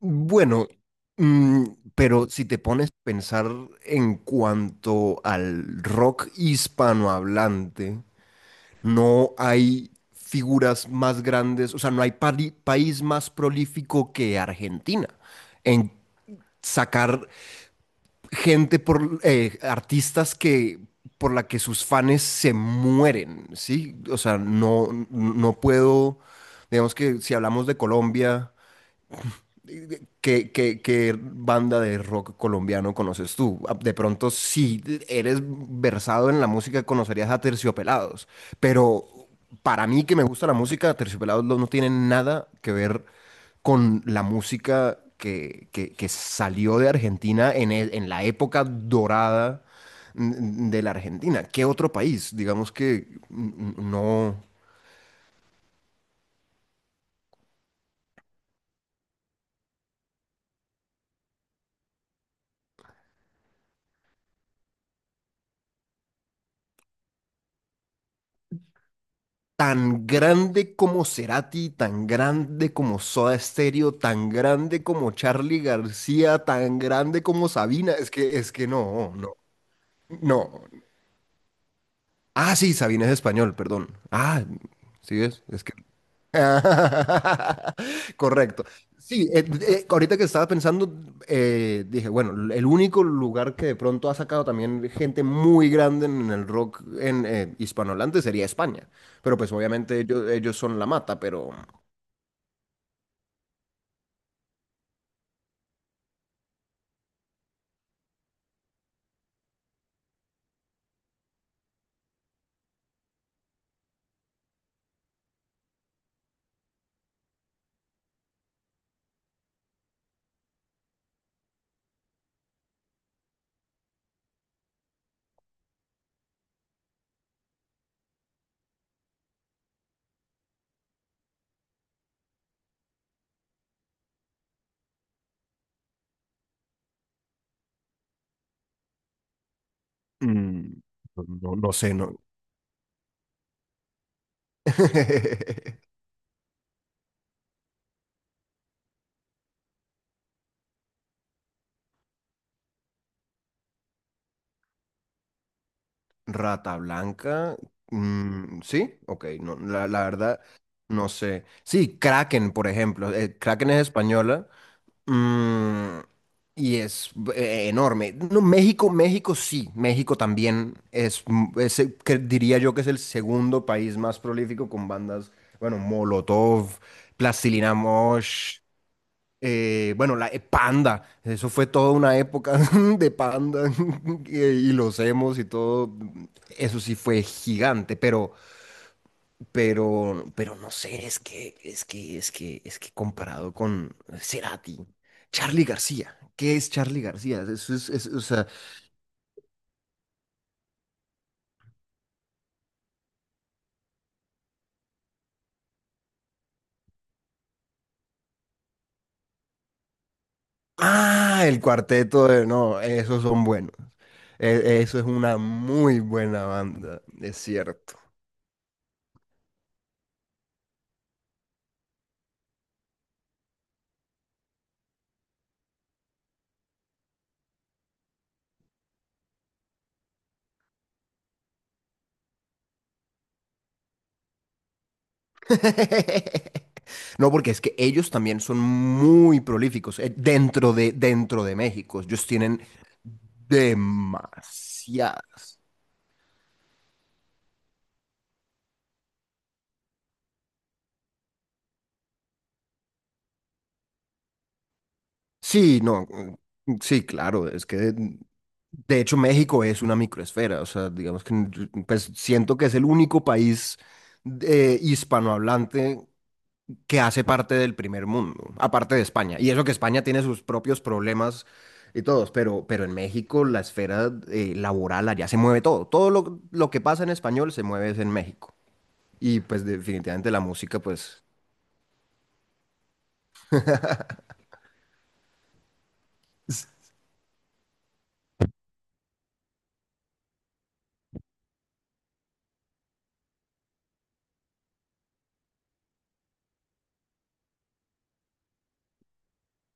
Bueno, mm, pero si te pones a pensar en cuanto al rock hispanohablante, no hay figuras más grandes, o sea, no hay país más prolífico que Argentina en sacar gente por artistas que por la que sus fans se mueren, ¿sí? O sea, no, no puedo, digamos que si hablamos de Colombia. ¿Qué, qué, qué banda de rock colombiano conoces tú? Ah, de pronto, si eres versado en la música, conocerías a Terciopelados. Pero para mí, que me gusta la música, Terciopelados no tiene nada que ver con la música que salió de Argentina en la época dorada de la Argentina. ¿Qué otro país? Digamos que no. Tan grande como Cerati, tan grande como Soda Stereo, tan grande como Charly García, tan grande como Sabina. Es que no, no, no. Ah, sí, Sabina es español, perdón. Ah, sí es. Es que correcto. Sí, ahorita que estaba pensando, dije, bueno, el único lugar que de pronto ha sacado también gente muy grande en el rock en hispanohablante sería España. Pero pues obviamente ellos son la mata, pero mm, no, no sé, ¿no? Rata Blanca, sí, ok, no, la verdad, no sé. Sí, Kraken, por ejemplo, Kraken es española. Mm, y es enorme. No, México, México sí, México también es, que diría yo que es el segundo país más prolífico con bandas, bueno, Molotov, Plastilina Mosh, bueno, la Panda, eso fue toda una época de Panda y los emos y todo, eso sí fue gigante, pero... pero no sé, es que comparado con Cerati, Charly García, ¿qué es Charly García? Eso es, o sea, ah, el cuarteto de, no, esos son buenos. Eso es una muy buena banda, es cierto. No, porque es que ellos también son muy prolíficos dentro de México. Ellos tienen demasiadas. Sí, no, mm, sí, claro, es que de hecho México es una microesfera, o sea, digamos que yo, pues siento que es el único país hispanohablante que hace parte del primer mundo, aparte de España, y eso que España tiene sus propios problemas y todos, pero en México la esfera laboral allá se mueve todo, lo que pasa en español se mueve es en México, y pues definitivamente la música, pues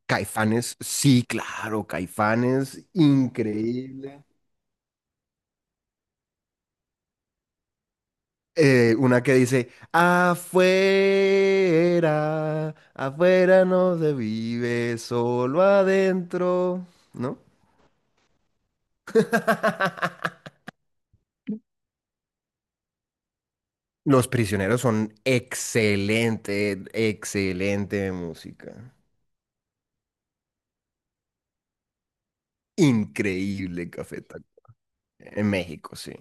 Caifanes, sí, claro, Caifanes, increíble. Una que dice, afuera, afuera no se vive, solo adentro, ¿no? Los prisioneros son excelente, excelente música. Increíble Café Tac- En México, sí.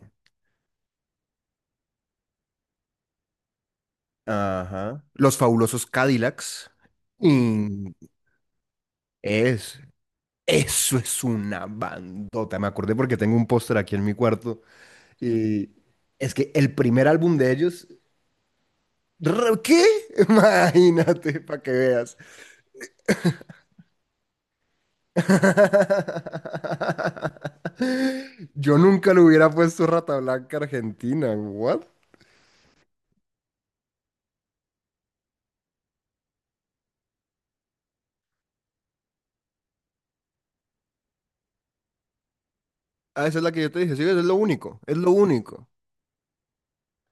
Ajá. Los fabulosos Cadillacs. Y es, eso es una bandota. Me acordé porque tengo un póster aquí en mi cuarto. Y es que el primer álbum de ellos, ¿qué? Imagínate, para que veas. Yo nunca le hubiera puesto Rata Blanca Argentina, ¿what? Ah, esa es la que yo te dije, sí, ves, es lo único, es lo único.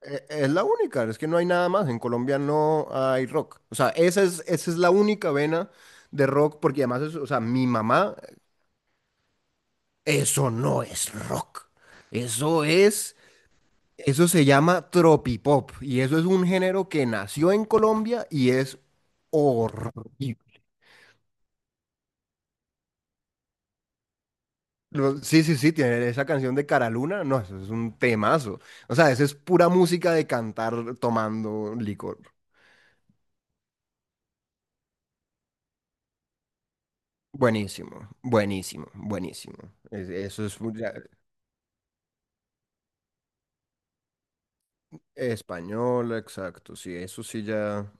Es la única, es que no hay nada más. En Colombia no hay rock. O sea, esa es la única vena de rock, porque además, o sea, mi mamá, eso no es rock. Eso es. Eso se llama tropipop y eso es un género que nació en Colombia y es horrible. Sí, sí, sí, tiene esa canción de Cara Luna, no, eso es un temazo. O sea, eso es pura música de cantar tomando licor. Buenísimo, buenísimo, buenísimo. Es- Eso es un- ya- español, exacto, sí, eso sí ya.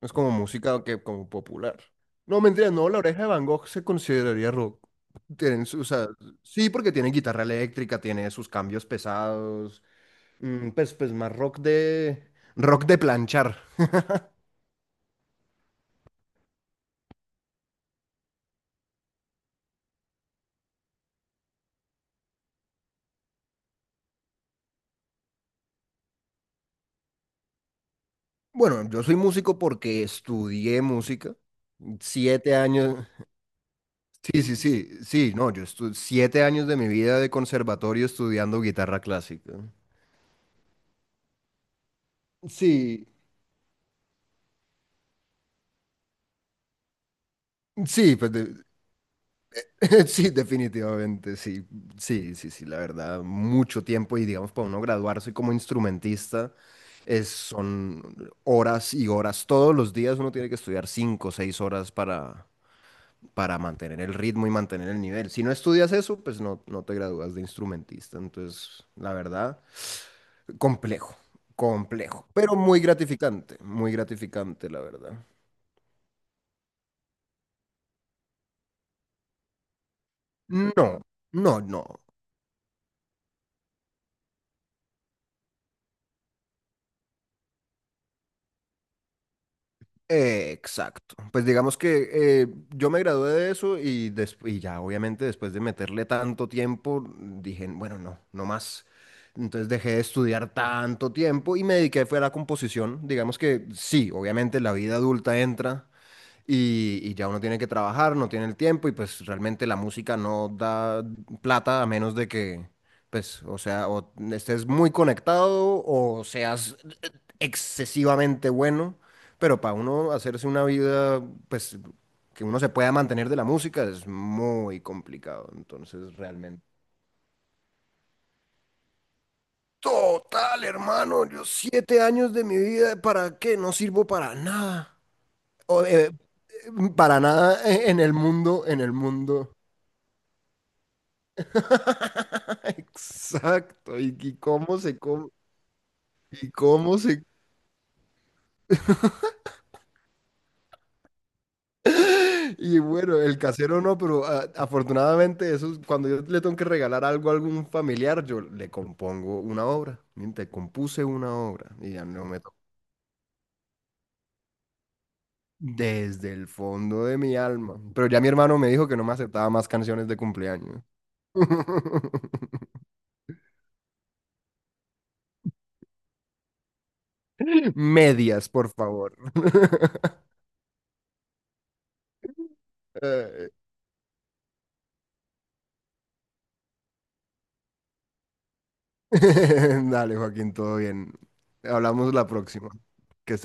Es como música que como popular. No, mentira, no, La Oreja de Van Gogh se consideraría rock. Tienen o sea, sí, porque tiene guitarra eléctrica, tiene sus cambios pesados, pues más rock de planchar. Bueno, yo soy músico porque estudié música. 7 años. Sí, sí, sí, sí, no, yo estuve 7 años de mi vida de conservatorio estudiando guitarra clásica. Sí, sí, pues de- Sí, definitivamente, sí, sí, sí, sí, la verdad, mucho tiempo y digamos para uno graduarse como instrumentista es, son horas y horas, todos los días uno tiene que estudiar 5 o 6 horas para mantener el ritmo y mantener el nivel. Si no estudias eso, pues no, no te gradúas de instrumentista, entonces la verdad, complejo, complejo, pero muy gratificante, la verdad. No, no, no. Exacto. Pues digamos que yo me gradué de eso y, y ya obviamente después de meterle tanto tiempo dije, bueno, no, no más. Entonces dejé de estudiar tanto tiempo y me dediqué fue a la composición. Digamos que sí, obviamente la vida adulta entra y ya uno tiene que trabajar, no tiene el tiempo y pues realmente la música no da plata a menos de que, pues, o sea, o estés muy conectado o seas excesivamente bueno, pero para uno hacerse una vida, pues, que uno se pueda mantener de la música es muy complicado, entonces realmente. Total, hermano, yo 7 años de mi vida, ¿para qué? No sirvo para nada. O, para nada en el mundo, en el mundo. Exacto, y cómo se come, y cómo se... Y bueno, el casero no, pero afortunadamente eso, cuando yo le tengo que regalar algo a algún familiar, yo le compongo una obra, miren, te compuse una obra, y ya no me toca. Desde el fondo de mi alma. Pero ya mi hermano me dijo que no me aceptaba más canciones de cumpleaños. Medias, por favor. Ay. Dale, Joaquín, todo bien. Hablamos la próxima. Que estés